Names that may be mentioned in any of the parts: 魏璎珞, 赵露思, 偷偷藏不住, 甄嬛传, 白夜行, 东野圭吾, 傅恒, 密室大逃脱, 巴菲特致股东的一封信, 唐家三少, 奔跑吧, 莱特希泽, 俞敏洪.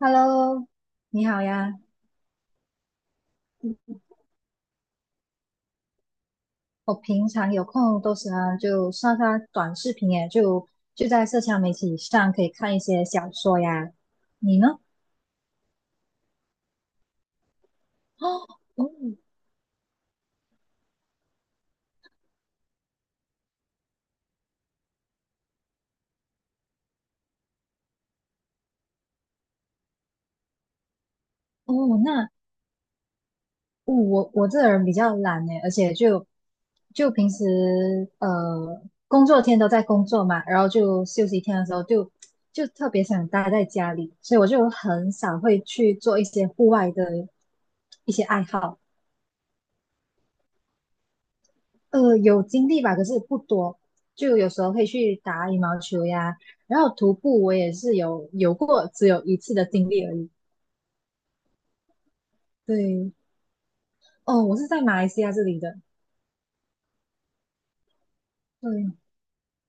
Hello，你好呀。我平常有空都喜欢就刷刷短视频耶，就在社交媒体上可以看一些小说呀。你呢？哦哦哦，那哦我这人比较懒诶，而且就平时工作天都在工作嘛，然后就休息天的时候就特别想待在家里，所以我就很少会去做一些户外的一些爱好。呃，有经历吧，可是不多。就有时候会去打羽毛球呀，然后徒步我也是有过只有一次的经历而已。对，哦，我是在马来西亚这里的。对，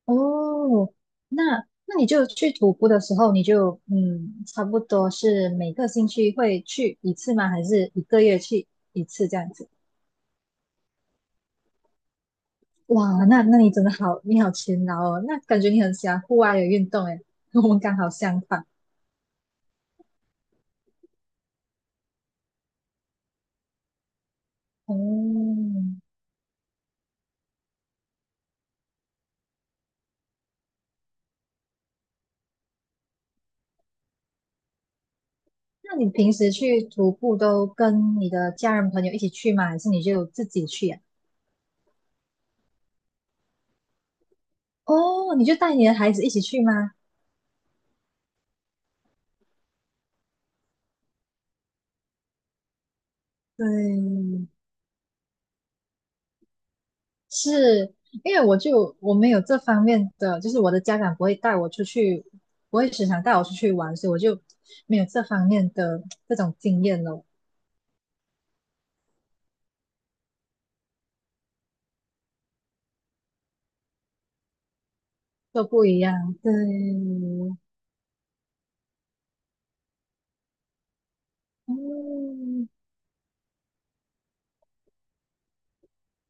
哦，那那你就去徒步的时候，你就嗯，差不多是每个星期会去一次吗？还是一个月去一次这样子？哇，那你真的好，你好勤劳哦，那感觉你很喜欢户外的运动诶，跟我们刚好相反。哦，那你平时去徒步都跟你的家人朋友一起去吗？还是你就自己去呀、哦，你就带你的孩子一起去吗？对，是因为我没有这方面的，就是我的家长不会带我出去，不会时常带我出去玩，所以我就没有这方面的这种经验咯，都不一样。对，嗯。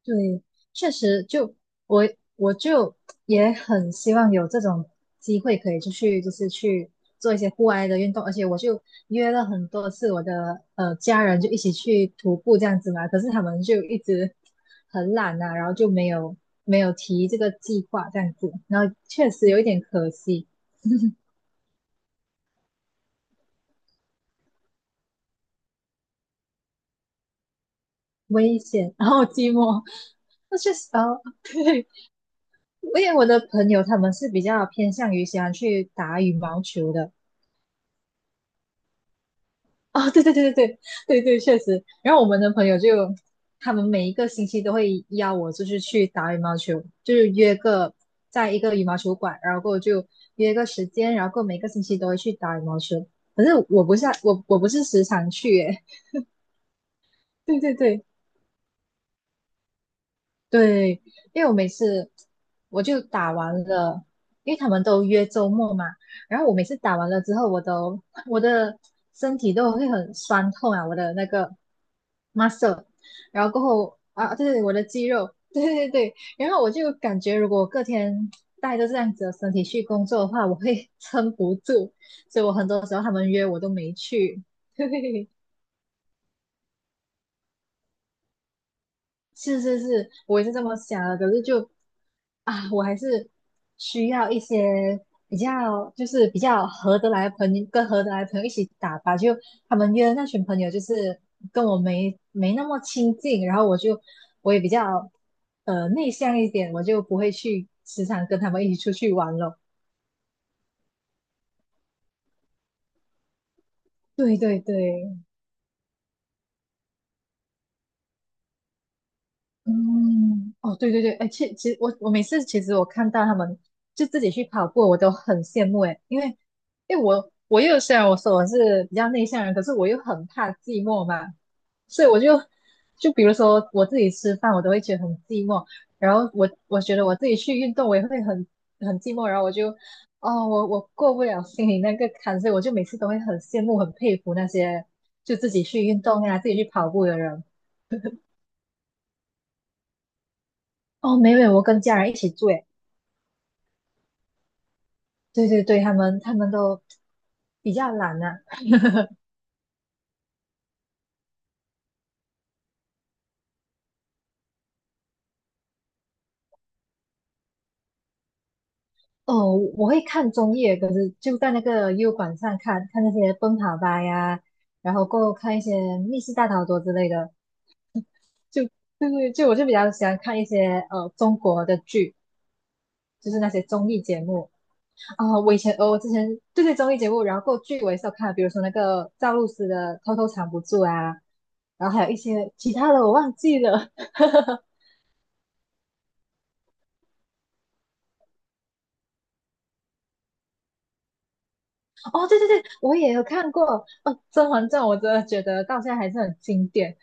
对，确实就我我也很希望有这种机会可以出去，就是去做一些户外的运动，而且我就约了很多次我的家人就一起去徒步这样子嘛，可是他们就一直很懒呐、然后就没有提这个计划这样子，然后确实有一点可惜，危险，然后寂寞。那确实，哦，对，因为我的朋友他们是比较偏向于喜欢去打羽毛球的，哦，对对对对对对对，确实。然后我们的朋友就，他们每一个星期都会邀我，就是去打羽毛球，就是约个在一个羽毛球馆，然后过后就约个时间，然后过后每个星期都会去打羽毛球。可是我不是时常去耶，对对对，对，因为我每次我打完了，因为他们都约周末嘛，然后我每次打完了之后，我的身体都会很酸痛啊，我的那个 muscle，然后过后啊，对对，我的肌肉，对对对，然后我就感觉如果我隔天带着这样子的身体去工作的话，我会撑不住，所以我很多时候他们约我都没去，嘿嘿嘿。是是是，我也是这么想的。可是就啊，我还是需要一些比较，就是比较合得来的朋友，跟合得来的朋友一起打吧。就他们约的那群朋友，就是跟我没那么亲近，然后我也比较内向一点，我就不会去时常跟他们一起出去玩了。对对对，嗯，哦，对对对，哎，其实我每次其实我看到他们就自己去跑步，我都很羡慕哎，因为我又虽然我说我是比较内向人，可是我又很怕寂寞嘛，所以我就比如说我自己吃饭，我都会觉得很寂寞，然后我觉得我自己去运动，我也会很寂寞，然后我就哦，我过不了心里那个坎，所以我就每次都会很羡慕、很佩服那些就自己去运动呀、自己去跑步的人。哦，没有，我跟家人一起住诶。对对对，他们都比较懒呐、哦，我会看综艺，可是就在那个优管上看看那些奔跑吧呀，然后过后看一些密室大逃脱之类的。就对对，就我就比较喜欢看一些中国的剧，就是那些综艺节目啊、我以前我之前对对综艺节目，然后过后剧我也是有看，比如说那个赵露思的《偷偷藏不住》啊，然后还有一些其他的我忘记了。哦，对对对，我也有看过。哦，《甄嬛传》我真的觉得到现在还是很经典。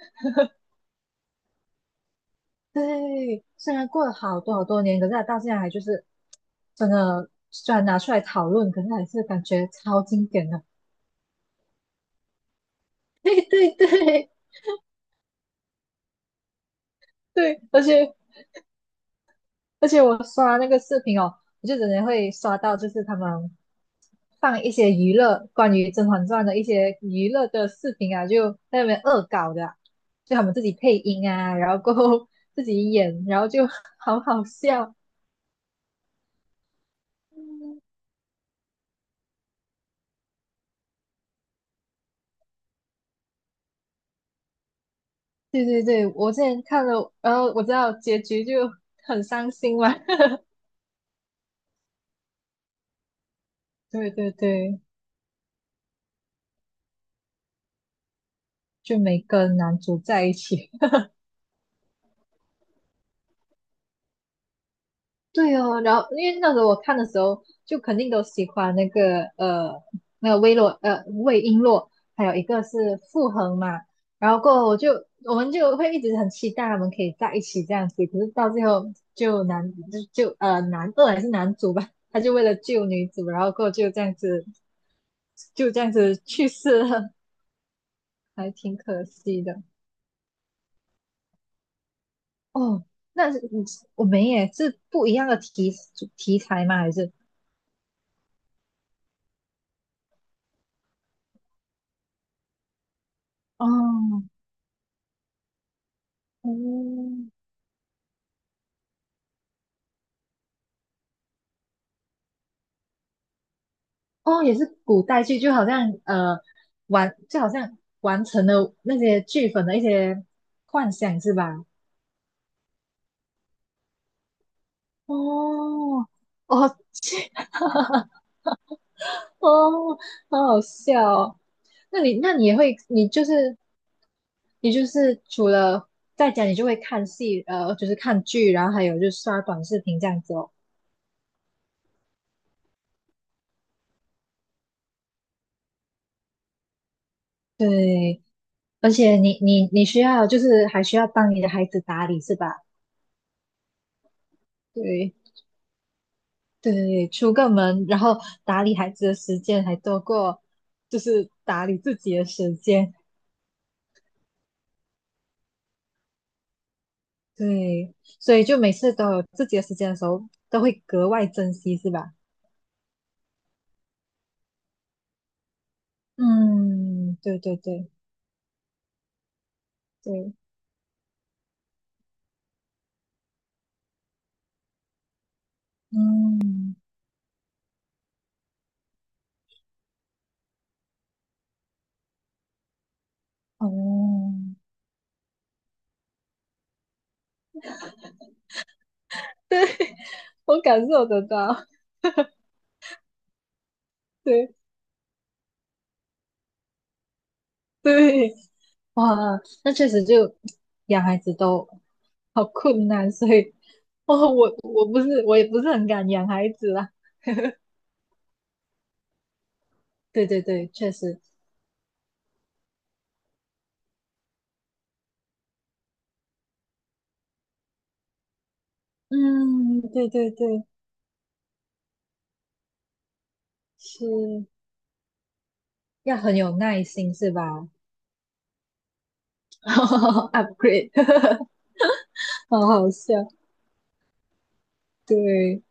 对，虽然过了好多好多年，可是它到现在还就是真的，虽然拿出来讨论，可是还是感觉超经典的。对对对对，而且我刷那个视频哦，我就真的会刷到，就是他们放一些娱乐关于《甄嬛传》的一些娱乐的视频啊，就在那边恶搞的啊就他们自己配音啊，然后过后 自己演，然后就 好好笑。对对对，我之前看了，然后我知道结局就很伤心嘛。对对对，就没跟男主在一起。对哦，然后因为那时候我看的时候，就肯定都喜欢那个那个魏璎珞，还有一个是傅恒嘛。然后过后我们就会一直很期待他们可以在一起这样子，可是到最后就男就就呃男二还是男主吧，他就为了救女主，然后过后就这样子去世了，还挺可惜的。哦，那是嗯我们也是不一样的题材吗？还是哦哦，哦，也是古代剧，就好像就好像完成了那些剧粉的一些幻想，是吧？哦，哦，这 哦，好好笑哦。那你也会，你就是除了在家，你就会看戏，就是看剧，然后还有就是刷短视频这样子哦。对，而且你需要就是还需要帮你的孩子打理，是吧？对。对，出个门，然后打理孩子的时间还多过就是打理自己的时间，对，所以就每次都有自己的时间的时候，都会格外珍惜，是吧？嗯，对对对对，嗯，哦，对，我感受得到，对对，哇，那确实就养孩子都好困难，所以哦，我也不是很敢养孩子啦，对对对，确实。嗯，对对对，是要很有耐心是吧 ？Upgrade，好好笑。对，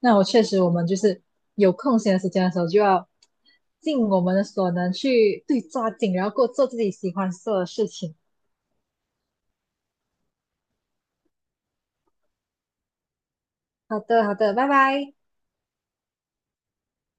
那我确实，我们就是有空闲的时间的时候，就要尽我们的所能去抓紧，然后过做自己喜欢做的事情。好的，好的，拜拜。